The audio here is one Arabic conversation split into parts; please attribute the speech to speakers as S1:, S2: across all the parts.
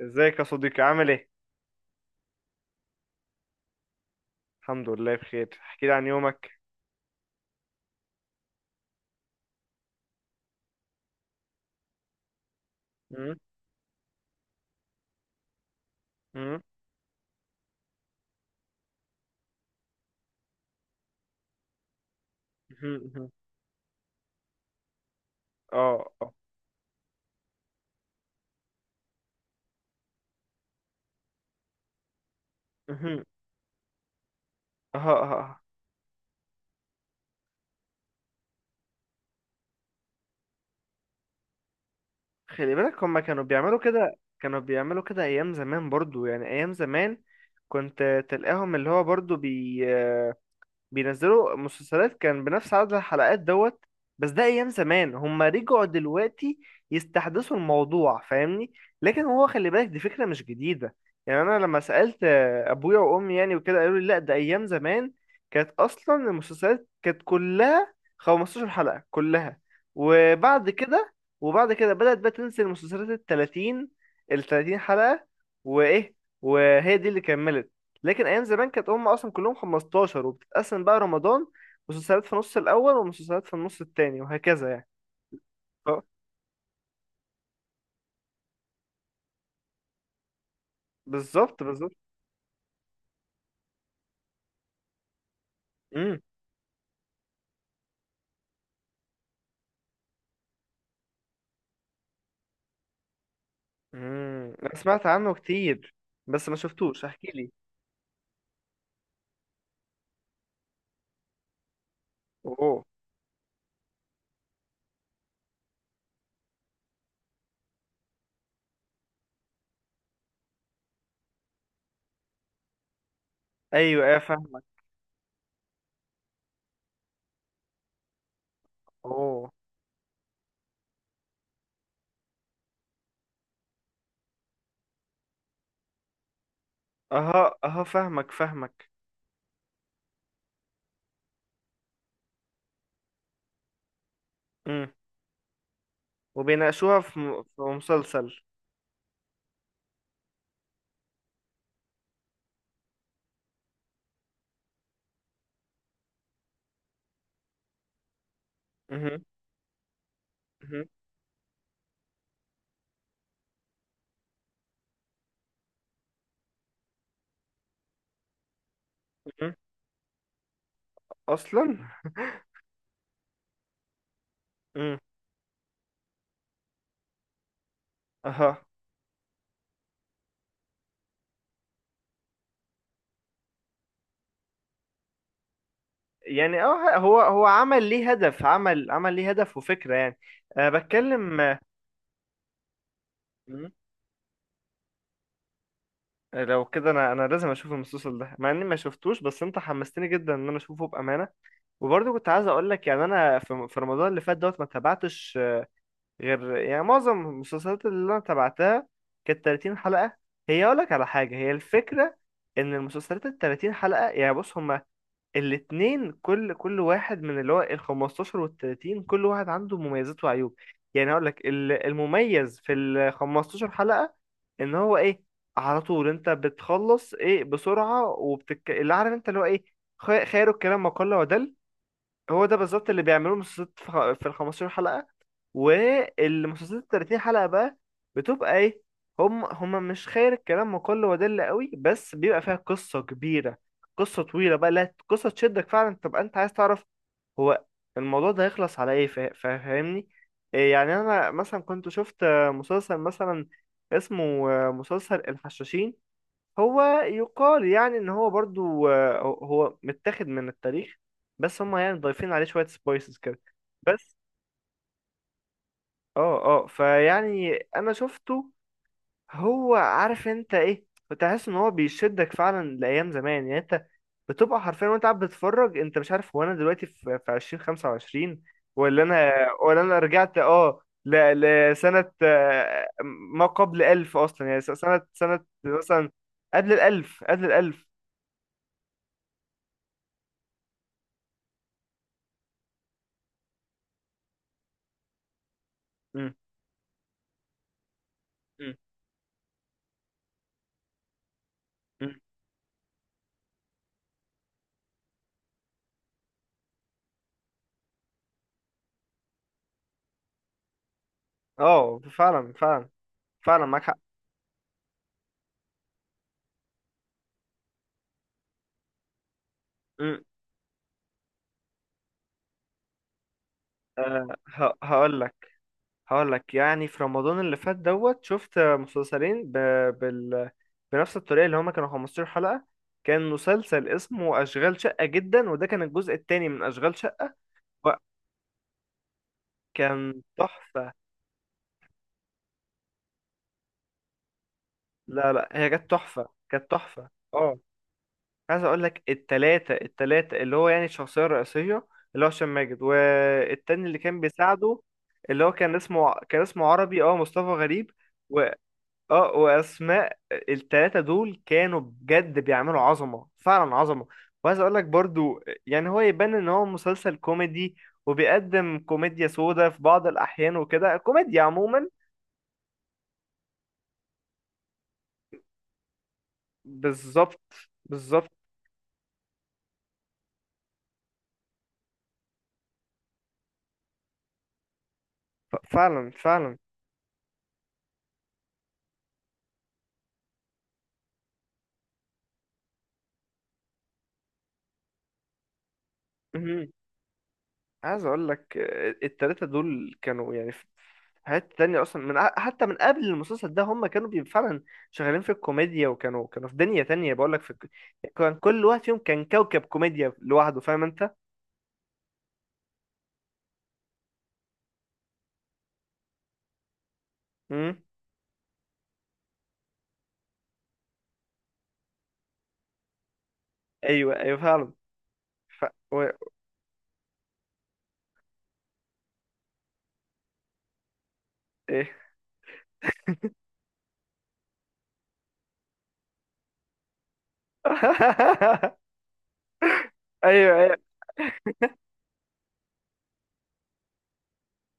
S1: ازيك يا صديقي؟ عامل ايه؟ الحمد لله بخير. احكي لي عن يومك. مم، مم، مهم، مهم. اه اه. مهم. اه اه اه. خلي بالك، هما كانوا بيعملوا كده، كانوا بيعملوا كده ايام زمان برضو، يعني ايام زمان كنت تلاقيهم اللي هو برضو بينزلوا مسلسلات كان بنفس عدد الحلقات دوت. بس ده ايام زمان، هما رجعوا دلوقتي يستحدثوا الموضوع، فاهمني. لكن هو خلي بالك، دي فكرة مش جديدة. يعني انا لما سألت ابويا وامي يعني وكده قالوا لي لا ده ايام زمان كانت اصلا المسلسلات كانت كلها 15 حلقة كلها. وبعد كده وبعد كده بدأت بقى تنزل المسلسلات ال 30 حلقة. وايه، وهي دي اللي كملت. لكن ايام زمان كانت هم اصلا كلهم 15، وبتتقسم بقى رمضان مسلسلات في النص الاول ومسلسلات في النص التاني وهكذا يعني. اه، بالظبط بالظبط. امم، امم. انا سمعت عنه كتير بس ما شفتوش، احكي لي. اوه. ايوه، ايه فاهم. اوه. اها اها، فاهمك فاهمك. امم. وبيناقشوها في مسلسل. امم. اصلا. امم. اها. يعني اه هو عمل ليه هدف، عمل ليه هدف وفكرة يعني. أه، بتكلم. لو كده انا لازم اشوف المسلسل ده، مع اني ما شفتوش، بس انت حمستني جدا ان انا اشوفه بامانه. وبرضه كنت عايز اقول لك، يعني انا في رمضان اللي فات دوت ما تابعتش غير، يعني معظم المسلسلات اللي انا تابعتها كانت 30 حلقه. هي اقول لك على حاجه، هي الفكره ان المسلسلات ال 30 حلقه، يعني بص، هم الاتنين، كل واحد من اللي هو ال 15 وال 30، كل واحد عنده مميزات وعيوب. يعني هقول لك، المميز في ال 15 حلقة ان هو ايه؟ على طول انت بتخلص ايه بسرعة، وبتك اللي عارف انت اللي هو ايه، خير الكلام ما قل ودل. هو ده بالظبط اللي بيعملوه مسلسلات في ال 15 حلقة. والمسلسلات ال 30 حلقة بقى بتبقى ايه؟ هم مش خير الكلام وكل ودل قوي، بس بيبقى فيها قصة كبيرة، قصة طويلة بقى، لا قصة تشدك فعلا تبقى انت عايز تعرف هو الموضوع ده هيخلص على ايه، فاهمني. إيه يعني، انا مثلا كنت شفت مسلسل مثلا اسمه، مسلسل الحشاشين. هو يقال يعني ان هو برضو هو متاخد من التاريخ، بس هم يعني ضايفين عليه شوية سبايسز كده. بس اه فيعني انا شفته، هو عارف انت ايه، بتحس ان هو بيشدك فعلا لايام زمان، يعني انت بتبقى حرفيا وانت قاعد بتتفرج انت مش عارف هو انا دلوقتي في 2025، ولا انا، ولا انا رجعت لسنة ما قبل ألف أصلا، يعني سنة مثلا، قبل الألف قبل الألف. مم. مم. اه فعلا فعلا، فعلا معاك حق. مم. أه. هقول لك هقول لك، يعني في رمضان اللي فات دوت شفت مسلسلين بال... بنفس الطريقة اللي هما كانوا 15 حلقة. كان مسلسل اسمه أشغال شقة جدا، وده كان الجزء التاني من أشغال شقة، وكان تحفة. لا لا، هي كانت تحفة، كانت تحفة اه. عايز اقول لك، التلاتة اللي هو يعني الشخصية الرئيسية اللي هو هشام ماجد، والتاني اللي كان بيساعده اللي هو كان اسمه عربي، اه مصطفى غريب. و اه واسماء التلاتة دول كانوا بجد بيعملوا عظمة، فعلا عظمة. وعايز اقول لك برضو يعني، هو يبان ان هو مسلسل كوميدي وبيقدم كوميديا سودا في بعض الاحيان وكده، كوميديا عموما. بالظبط بالظبط. فعلا فعلا. عايز اقول لك التلاتة دول كانوا يعني في، في حتة تانية اصلا حتى من قبل المسلسل ده هم كانوا فعلا شغالين في الكوميديا، وكانوا في دنيا تانية، بقول لك كان كل واحد فيهم كان كوكب كوميديا لوحده، فاهم انت. امم. ايوه ايوه فعلا. ف... و... ايه. ايوه ايوه.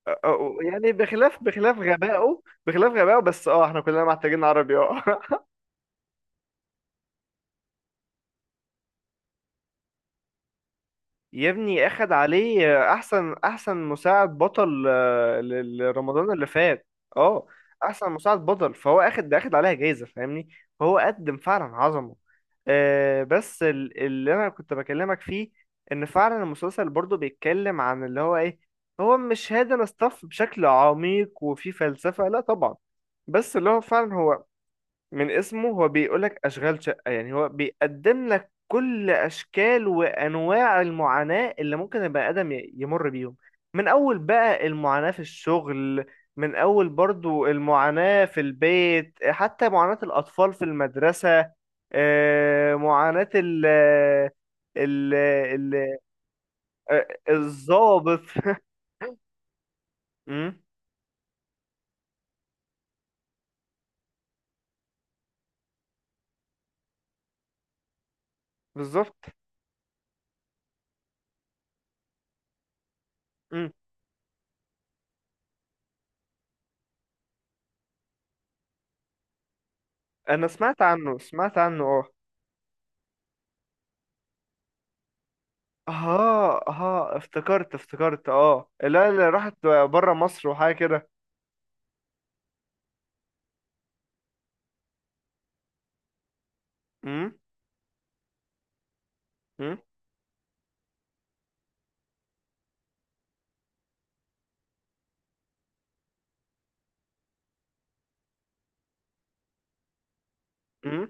S1: يعني بخلاف غبائه، بخلاف غبائه، بس اه احنا كلنا محتاجين عربي اه. يا ابني اخد عليه احسن مساعد بطل لرمضان اللي فات. اه، احسن مساعد بطل، فهو اخد عليها جايزة، فاهمني. فهو قدم فعلا عظمه. بس اللي انا كنت بكلمك فيه ان فعلا المسلسل برضو بيتكلم عن اللي هو ايه. هو مش هادن ستاف بشكل عميق وفي فلسفة، لا طبعا، بس اللي هو فعلا هو من اسمه، هو بيقولك أشغال شقة. يعني هو بيقدم لك كل أشكال وأنواع المعاناة اللي ممكن البني آدم يمر بيهم، من أول بقى المعاناة في الشغل، من أول برضو المعاناة في البيت، حتى معاناة الأطفال في المدرسة، معاناة ال ال- الضابط. مم، بالظبط. مم. أنا سمعت عنه، آه. ها ها، افتكرت اه، لا اللي راحت بره مصر وحاجه كده. امم، امم، امم.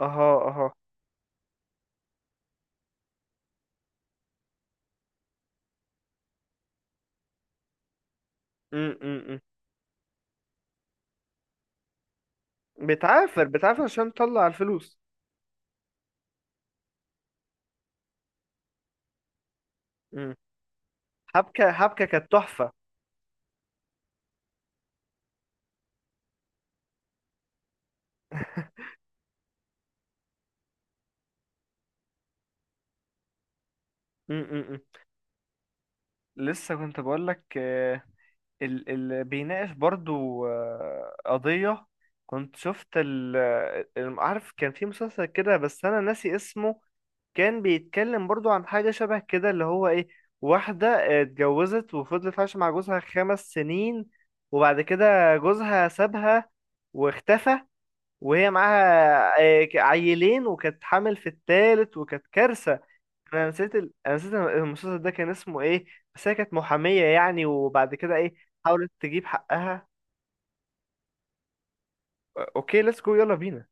S1: اها اها. امم، امم، بتعافر بتعافر عشان تطلع الفلوس. امم. حبكه كانت تحفه. امم، لسه كنت بقول لك ال بيناقش برضو قضيه، كنت شفت عارف كان في مسلسل كده، بس انا ناسي اسمه، كان بيتكلم برضو عن حاجة شبه كده اللي هو ايه: واحدة اتجوزت وفضلت عايشة مع جوزها 5 سنين، وبعد كده جوزها سابها واختفى، وهي معاها عيلين وكانت حامل في التالت وكانت كارثة. انا انا نسيت المسلسل ده كان اسمه ايه. بس هي كانت محامية يعني، وبعد كده ايه، حاولت تجيب حقها. اوكي ليتس جو، يلا بينا.